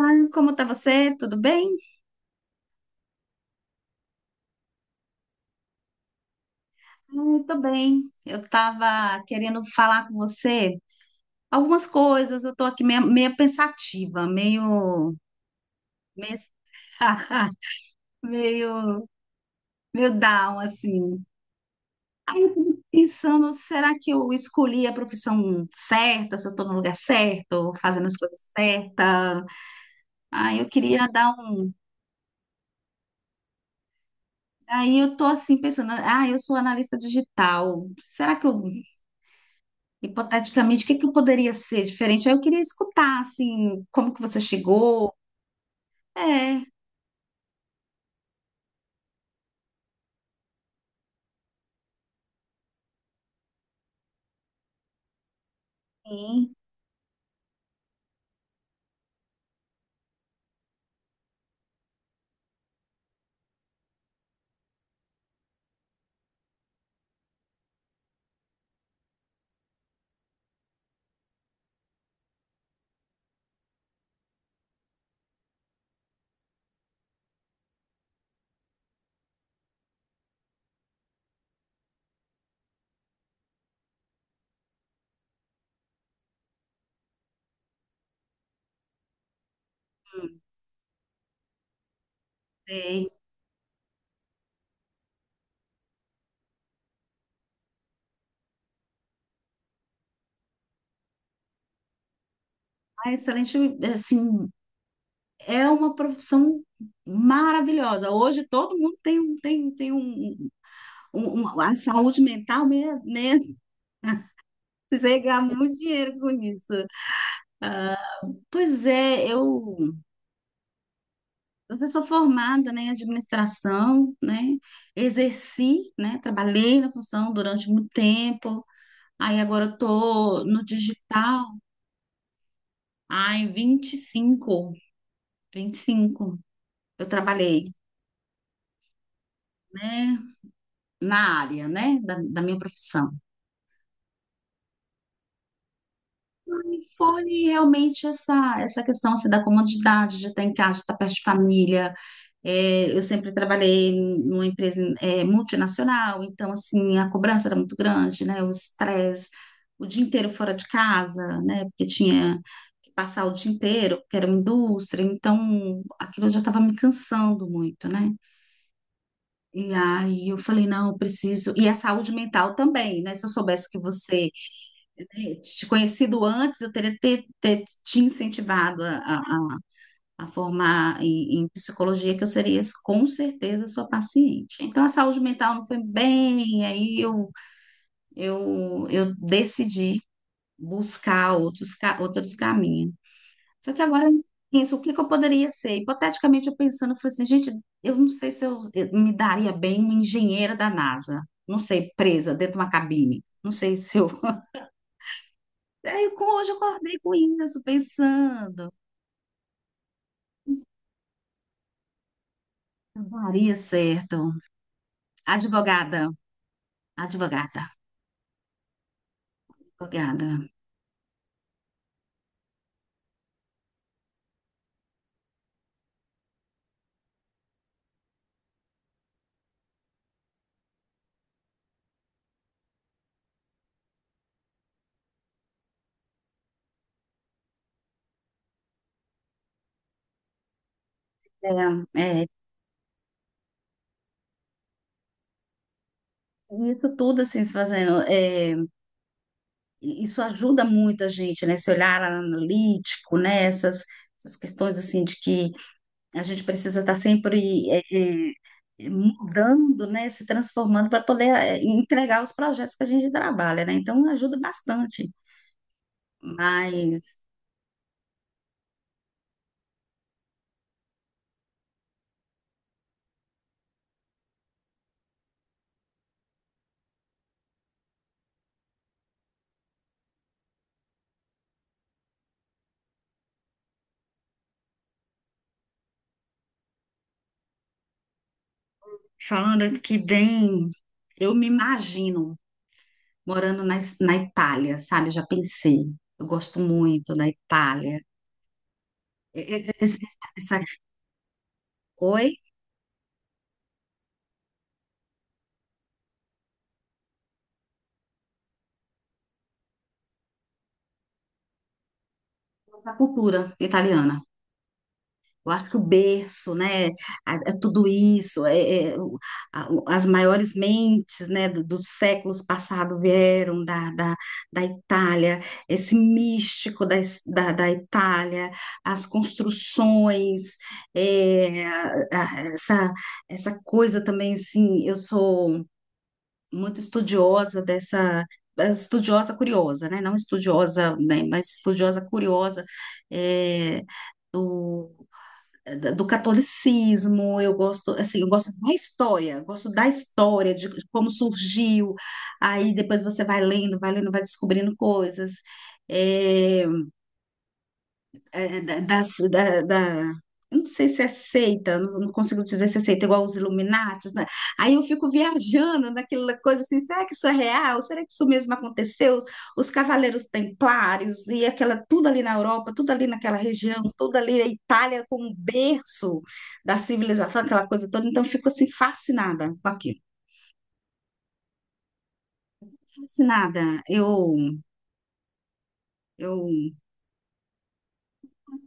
Ai, como tá você? Tudo bem? Ai, tô bem. Eu estava querendo falar com você algumas coisas. Eu estou aqui meio pensativa, meio, meio, meio down, assim. Aí eu fico pensando, será que eu escolhi a profissão certa? Se eu estou no lugar certo, fazendo as coisas certas? Aí eu queria dar um. Aí eu estou assim pensando, ah, eu sou analista digital. Será que eu. Hipoteticamente, o que que eu poderia ser diferente? Aí eu queria escutar, assim, como que você chegou. É, sim, sei. Ah, excelente, assim, é uma profissão maravilhosa. Hoje todo mundo tem a saúde mental, né? Você ganha muito dinheiro com isso. Pois é, eu sou formada, né, em administração, né? Exerci, né? Trabalhei na função durante muito tempo. Aí agora eu tô no digital. Ai, vinte e cinco, 25, eu trabalhei, né, na área, né, da minha profissão. Foi realmente essa, essa questão assim, da comodidade de estar em casa, de estar perto de família. É, eu sempre trabalhei numa empresa multinacional, então assim a cobrança era muito grande, né? O estresse, o dia inteiro fora de casa, né? Porque tinha que passar o dia inteiro, porque era uma indústria, então aquilo já estava me cansando muito, né? E aí eu falei, não, eu preciso. E a saúde mental também, né? Se eu soubesse que você, né, te conhecido antes, eu teria ter, ter te incentivado a formar em psicologia, que eu seria com certeza sua paciente. Então, a saúde mental não foi bem, aí eu decidi buscar outros caminhos. Só que agora eu penso, o que que eu poderia ser? Hipoteticamente, eu pensando, eu falei assim, gente, eu não sei se eu me daria bem uma engenheira da NASA. Não sei, presa dentro de uma cabine. Não sei se eu. Hoje eu acordei com isso, pensando. Não daria certo. Advogada, advogada, advogada. É, é, isso tudo assim se fazendo. É, isso ajuda muito a gente, né? Esse olhar analítico, né? Essas, essas questões assim de que a gente precisa estar sempre mudando, né? Se transformando para poder entregar os projetos que a gente trabalha, né? Então ajuda bastante. Mas falando aqui bem, eu me imagino morando na Itália, sabe? Já pensei. Eu gosto muito da Itália. E- e- e- Essa, essa- Oi? Essa cultura italiana. Eu acho que o berço, né, é tudo isso, as maiores mentes, né, dos séculos passados vieram da Itália, esse místico da Itália, as construções, essa, essa coisa também, assim, eu sou muito estudiosa dessa, estudiosa curiosa, né, não estudiosa, né, mas estudiosa curiosa, é, do catolicismo, eu gosto, assim, eu gosto da história, eu gosto da história, de como surgiu, aí depois você vai lendo, vai lendo, vai descobrindo coisas. É, é, da, das- da, da- Eu não sei se é seita, não, não consigo dizer se é seita igual os Illuminatis, né? Aí eu fico viajando naquela coisa assim, será que isso é real? Será que isso mesmo aconteceu? Os Cavaleiros Templários e aquela tudo ali na Europa, tudo ali naquela região, tudo ali a Itália como um berço da civilização, aquela coisa toda. Então eu fico assim fascinada com aquilo. Fascinada. Eu eu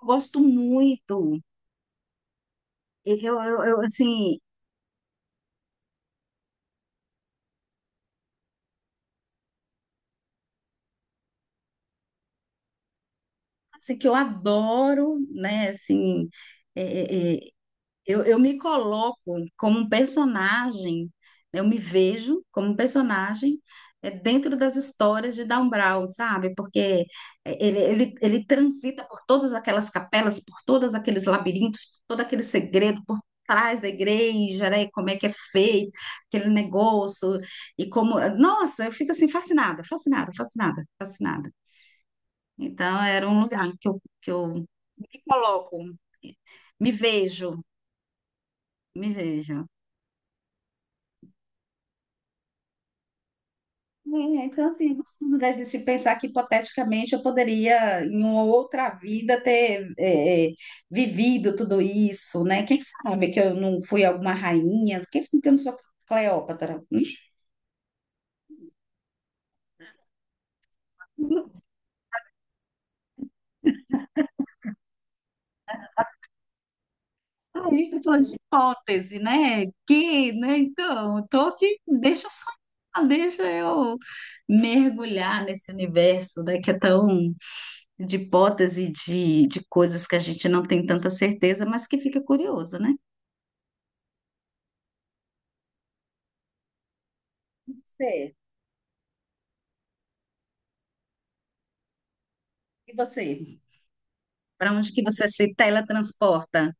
gosto muito. Eu, assim, assim, que eu adoro, né? Assim, é, é, é, eu me coloco como um personagem, né, eu me vejo como um personagem dentro das histórias de Dan Brown, sabe? Porque ele transita por todas aquelas capelas, por todos aqueles labirintos, por todo aquele segredo, por trás da igreja, né? E como é que é feito aquele negócio e como... Nossa, eu fico assim fascinada, fascinada, fascinada, fascinada. Então, era um lugar que que eu me coloco, me vejo, me vejo. É, então, assim, eu gosto, ao invés de se pensar que hipoteticamente eu poderia, em uma outra vida, ter vivido tudo isso, né? Quem sabe que eu não fui alguma rainha? Quem sabe que eu não sou Cleópatra? A gente está falando de hipótese, né? Que, né? Então, eu tô aqui, deixa eu sonhar, deixa eu mergulhar nesse universo, né? Que é tão de hipótese de coisas que a gente não tem tanta certeza, mas que fica curioso, né? Você, e você? Para onde que você se teletransporta?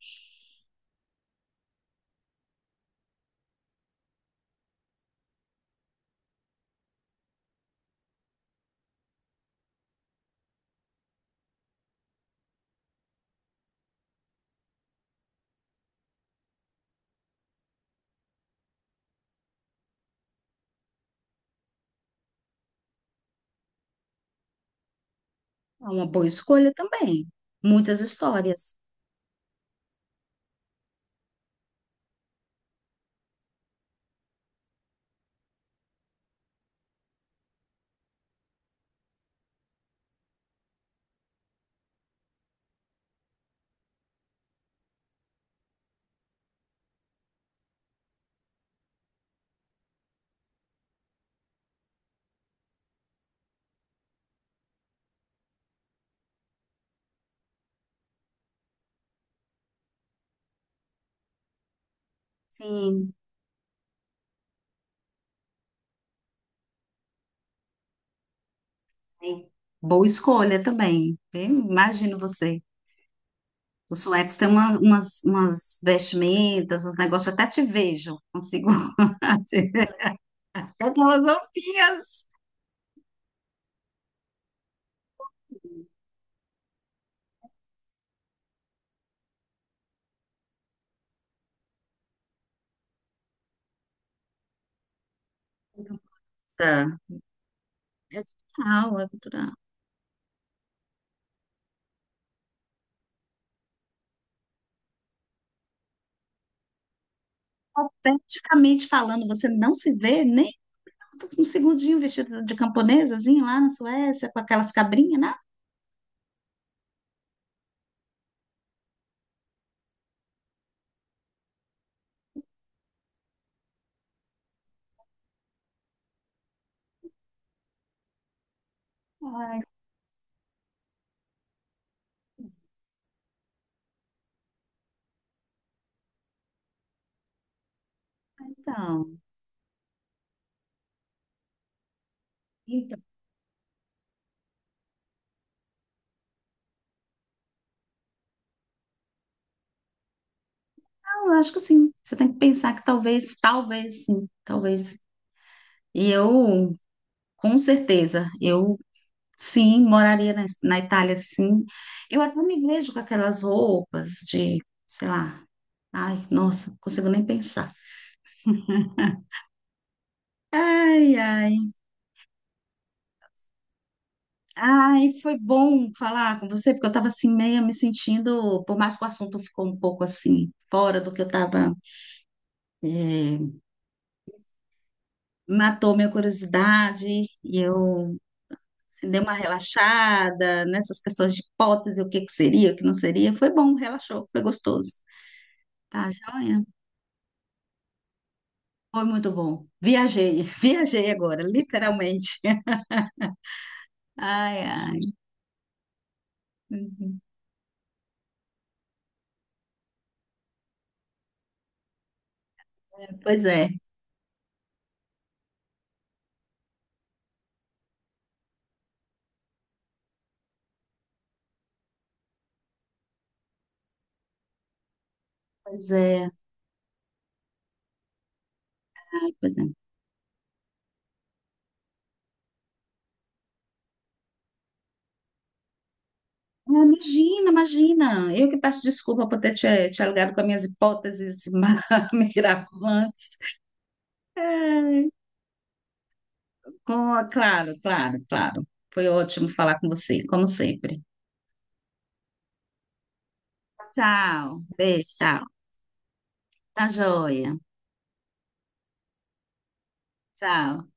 É uma boa escolha também. Muitas histórias. Sim, sim. Boa escolha também. Eu imagino você. Os suecos têm umas vestimentas, uns negócios, até te vejo, consigo te ver. Até umas roupinhas. Tá. É cultural, é cultural. Esteticamente falando, você não se vê nem um segundinho vestido de camponesazinho lá na Suécia, com aquelas cabrinhas, né? Ah, então, então, eu acho que sim. Você tem que pensar que talvez, talvez sim, talvez. E eu, com certeza, eu. Sim, moraria na Itália, sim. Eu até me vejo com aquelas roupas de, sei lá. Ai, nossa, não consigo nem pensar. Ai, ai. Ai, foi bom falar com você, porque eu estava assim, meio me sentindo, por mais que o assunto ficou um pouco assim, fora do que eu estava, matou minha curiosidade, e eu assim, dei uma relaxada nessas questões de hipótese, o que que seria, o que não seria. Foi bom, relaxou, foi gostoso. Tá, joia? Foi muito bom. Viajei, viajei agora, literalmente. Ai, ai. Uhum. É, pois é, pois é. Ai, pois é. Ah, imagina, imagina. Eu que peço desculpa por ter te alugado com as minhas hipóteses mirabolantes. Ai, Claro, claro, claro. Foi ótimo falar com você, como sempre. Tchau, beijo, tchau. Tá joia. Tchau.